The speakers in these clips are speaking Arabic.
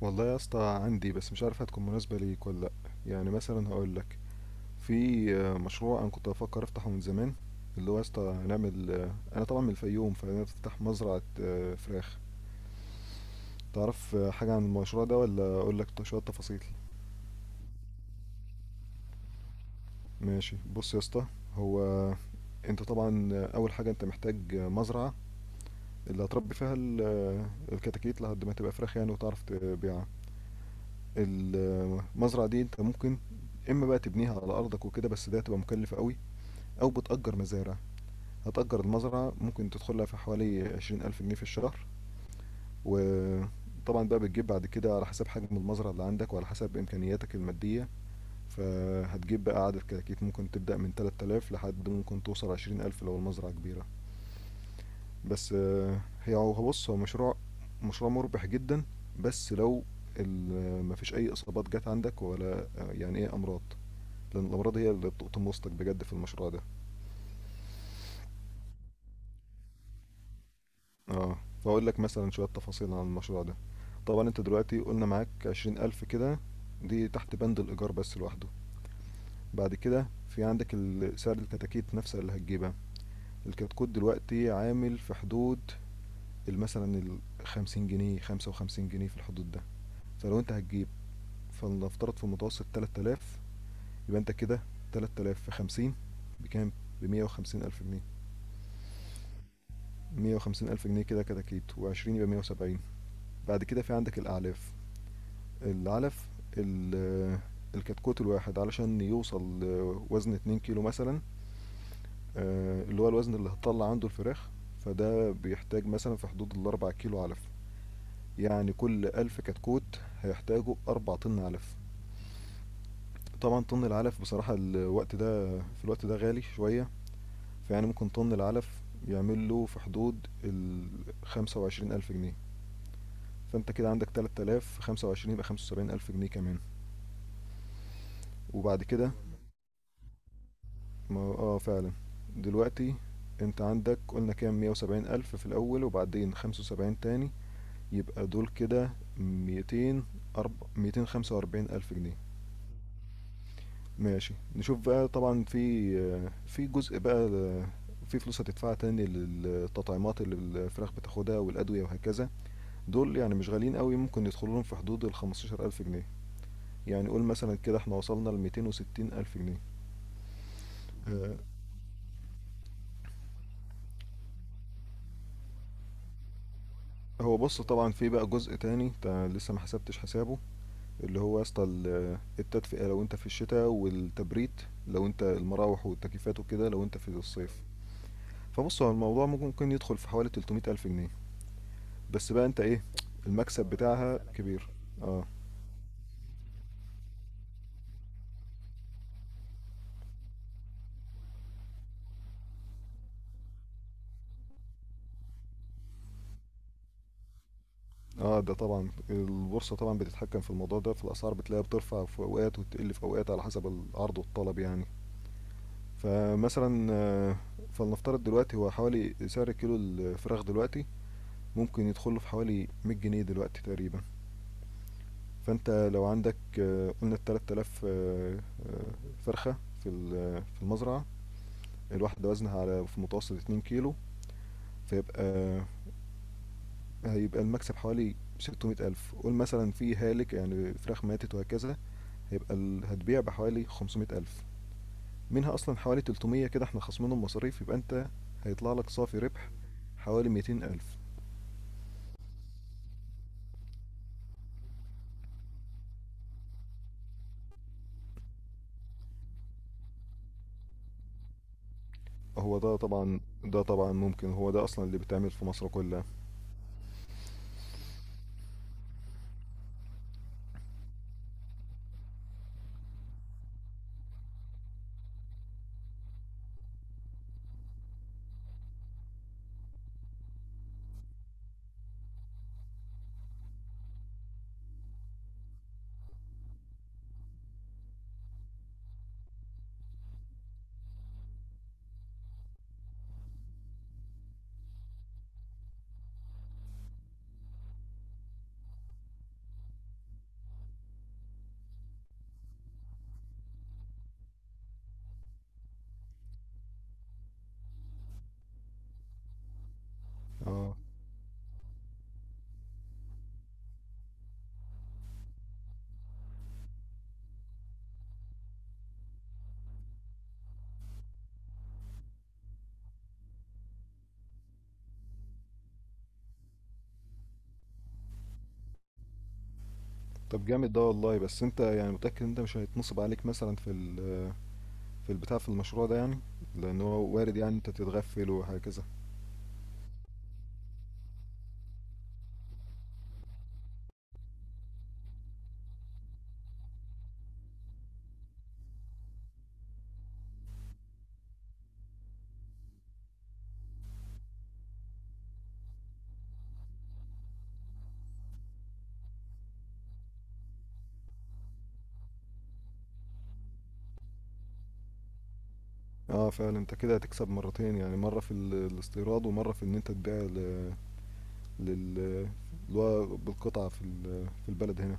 والله يا اسطى عندي، بس مش عارف هتكون مناسبة ليك ولا لأ. يعني مثلا هقول لك، في مشروع انا كنت بفكر افتحه من زمان، اللي هو يا اسطى نعمل انا طبعا من الفيوم، فانا افتح مزرعة فراخ. تعرف حاجة عن المشروع ده ولا اقول لك شوية تفاصيل؟ ماشي، بص يا اسطى، هو انت طبعا اول حاجة انت محتاج مزرعة اللي هتربي فيها الكتاكيت لحد ما تبقى فراخ يعني وتعرف تبيعها. المزرعة دي انت ممكن اما بقى تبنيها على ارضك وكده، بس ده هتبقى مكلفة قوي، أو بتأجر مزارع. هتأجر المزرعة ممكن تدخلها في حوالي عشرين ألف جنيه في الشهر، وطبعا بقى بتجيب بعد كده على حسب حجم المزرعة اللي عندك وعلى حسب إمكانياتك المادية. فهتجيب بقى عدد كتاكيت ممكن تبدأ من 3000 لحد ممكن توصل 20000 لو المزرعة كبيرة. بس هي هو بص هو مشروع مربح جدا، بس لو مفيش أي إصابات جت عندك ولا يعني إيه أمراض، لأن الأمراض هي اللي بتقطم وسطك بجد في المشروع ده. اه. واقول لك مثلا شوية تفاصيل عن المشروع ده. طبعا انت دلوقتي قلنا معاك عشرين ألف كده، دي تحت بند الإيجار بس لوحده. بعد كده في عندك سعر الكتاكيت نفسها اللي هتجيبها. الكتكوت دلوقتي عامل في حدود مثلا الخمسين جنيه، خمسة وخمسين جنيه في الحدود ده. فلو انت هتجيب، فلنفترض في المتوسط تلات آلاف. يبقى انت كده تلات آلاف في خمسين بكام؟ بمية وخمسين ألف جنيه. مية وخمسين ألف جنيه كده كتاكيت، وعشرين يبقى مية وسبعين. بعد كده في عندك الأعلاف، العلف، ال- الكتكوت الواحد علشان يوصل لوزن 2 كيلو مثلا، اللي هو الوزن اللي هتطلع عنده الفراخ، فده بيحتاج مثلا في حدود الأربع كيلو علف. يعني كل ألف كتكوت هيحتاجوا أربع طن علف. طبعا طن العلف بصراحة الوقت ده، في الوقت ده غالي شوية، فيعني ممكن طن العلف يعمل له في حدود ال 25000 جنيه. فأنت كده عندك 3000 25 يبقى 75000 جنيه كمان. وبعد كده، ما اه فعلا. دلوقتي انت عندك، قلنا كام؟ مية وسبعين ألف في الأول وبعدين خمسة وسبعين تاني، يبقى دول كده ميتين. ميتين خمسة وأربعين ألف جنيه. ماشي نشوف بقى. طبعا في في جزء بقى في فلوس هتدفعها تاني للتطعيمات اللي الفراخ بتاخدها والأدوية وهكذا. دول يعني مش غاليين قوي، ممكن يدخلوا لهم في حدود ال 15000 ألف جنيه. يعني قول مثلا كده احنا وصلنا ل 260 ألف جنيه. هو بص، طبعا في بقى جزء تاني انت لسه ما حسبتش حسابه، اللي هو يا اسطى التدفئة لو انت في الشتاء، والتبريد لو انت المراوح والتكييفات وكده لو انت في الصيف. فبص، هو الموضوع ممكن يدخل في حوالي 300 ألف جنيه. بس بقى انت ايه؟ المكسب بتاعها كبير. اه. اه ده طبعا البورصة طبعا بتتحكم في الموضوع ده، في الأسعار بتلاقيها بترفع في أوقات وتقل في أوقات على حسب العرض والطلب يعني. فمثلا فلنفترض دلوقتي هو حوالي سعر كيلو الفراخ دلوقتي ممكن يدخله في حوالي 100 جنيه دلوقتي تقريبا. فانت لو عندك قلنا 3000 فرخة في في المزرعة، الواحدة وزنها على في متوسط 2 كيلو، فيبقى هيبقى المكسب حوالي 600000. قول مثلا في هالك يعني فراخ ماتت وهكذا، هيبقى هتبيع بحوالي 500000. منها أصلا حوالي 300 كده احنا خصمينهم مصاريف، يبقى انت هيطلع لك صافي ربح حوالي 200000. هو ده طبعا، ممكن هو ده أصلا اللي بيتعمل في مصر كلها. اه. طب جامد ده والله، بس انت يعني متأكد انت مش هيتنصب عليك مثلا في في البتاع، في المشروع ده يعني؟ لان هو وارد يعني انت تتغفل وهكذا. اه فعلا، انت كده هتكسب مرتين يعني، مرة في الاستيراد ومرة في ان انت تبيع ل- لل اللي هو بالقطعة في في البلد هنا.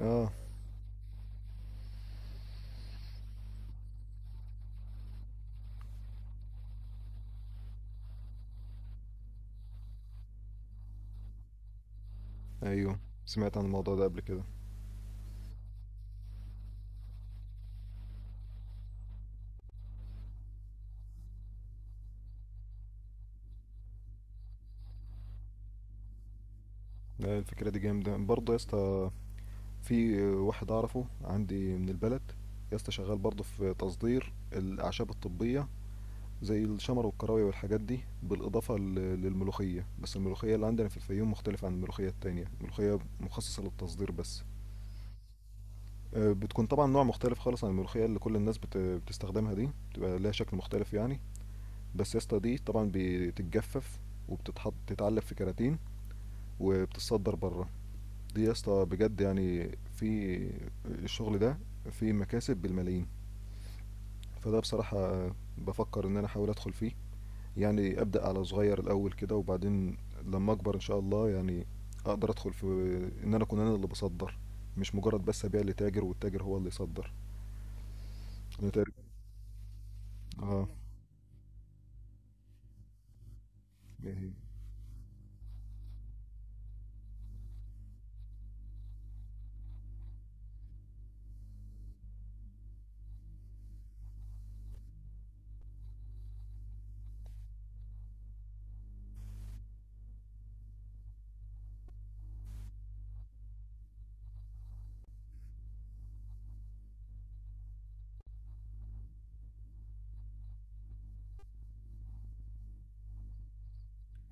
اه. ايوه سمعت عن الموضوع ده قبل كده. لا، الفكرة دي جامدة برضه يا اسطى. في واحد اعرفه عندي من البلد يا اسطى شغال برضه في تصدير الأعشاب الطبية زي الشمر والكراوية والحاجات دي، بالإضافة للملوخية. بس الملوخية اللي عندنا في الفيوم مختلفة عن الملوخية التانية، الملوخية مخصصة للتصدير بس. بتكون طبعا نوع مختلف خالص عن الملوخية اللي كل الناس بتستخدمها دي، بتبقى لها شكل مختلف يعني. بس يا اسطى دي طبعا بتتجفف وبتتحط تتعلب في كراتين وبتتصدر بره. دي يا اسطى بجد يعني في الشغل ده فيه مكاسب بالملايين. فده بصراحة بفكر ان انا احاول ادخل فيه، يعني أبدأ على صغير الأول كده، وبعدين لما أكبر إن شاء الله يعني أقدر أدخل في إن أنا أكون أنا اللي بصدر، مش مجرد بس أبيع لتاجر والتاجر هو اللي يصدر. أنا تاجر. آه. إيه هي؟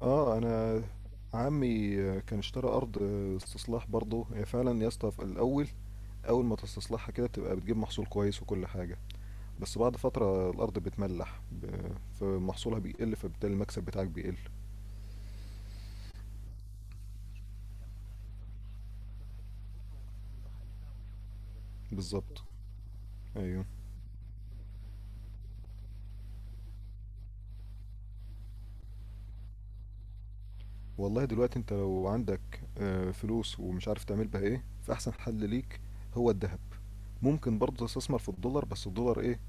آه، أنا عمي كان اشترى أرض استصلاح برضه. هي فعلا يا اسطى في الأول، أول ما تستصلحها كده بتبقى بتجيب محصول كويس وكل حاجة، بس بعد فترة الأرض بتملح فمحصولها بيقل، فبالتالي المكسب بتاعك بيقل. بالظبط. أيوه. والله دلوقتي انت لو عندك فلوس ومش عارف تعمل بها ايه، فاحسن حل ليك هو الذهب. ممكن برضه تستثمر في الدولار، بس الدولار ايه؟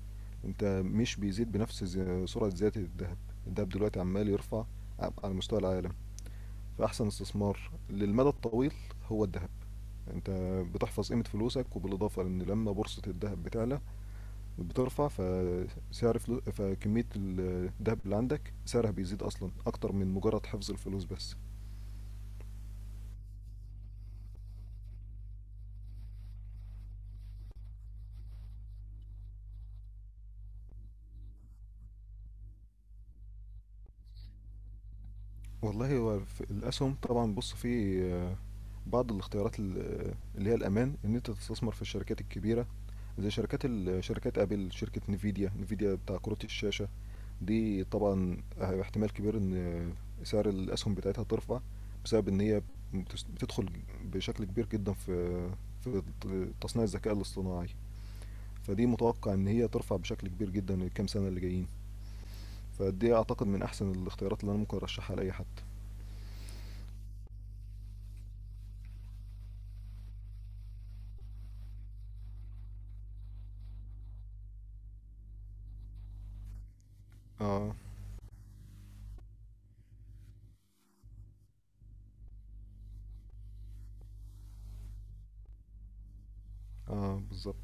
انت مش بيزيد بنفس سرعة زيادة الذهب. الذهب دلوقتي عمال يرفع على مستوى العالم، فاحسن استثمار للمدى الطويل هو الذهب. انت بتحفظ قيمة فلوسك، وبالاضافة ان لما بورصة الذهب بتعلى بترفع فسعر فكمية الذهب اللي عندك سعرها بيزيد اصلا اكتر من مجرد حفظ الفلوس بس. والله هو في الأسهم طبعا. بص، في بعض الاختيارات اللي هي الأمان، إن أنت تستثمر في الشركات الكبيرة زي شركات شركات أبل، شركة نيفيديا. نيفيديا بتاع كروت الشاشة، دي طبعا احتمال كبير إن سعر الأسهم بتاعتها ترفع، بسبب إن هي بتدخل بشكل كبير جدا في تصنيع الذكاء الاصطناعي. فدي متوقع إن هي ترفع بشكل كبير جدا الكام سنة اللي جايين. فدي أعتقد من أحسن الاختيارات اللي أنا ممكن أرشحها لأي حد. اه. اه بالظبط.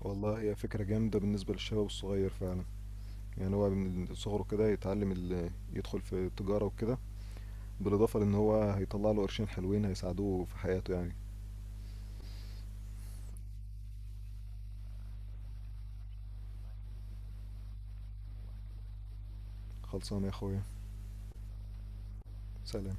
والله هي فكرة جامدة بالنسبة للشباب الصغير فعلا، يعني هو من صغره كده يتعلم يدخل في التجارة وكده، بالإضافة لأن هو هيطلع له قرشين حلوين هيساعدوه في حياته يعني. خلصانة يا أخويا. سلام.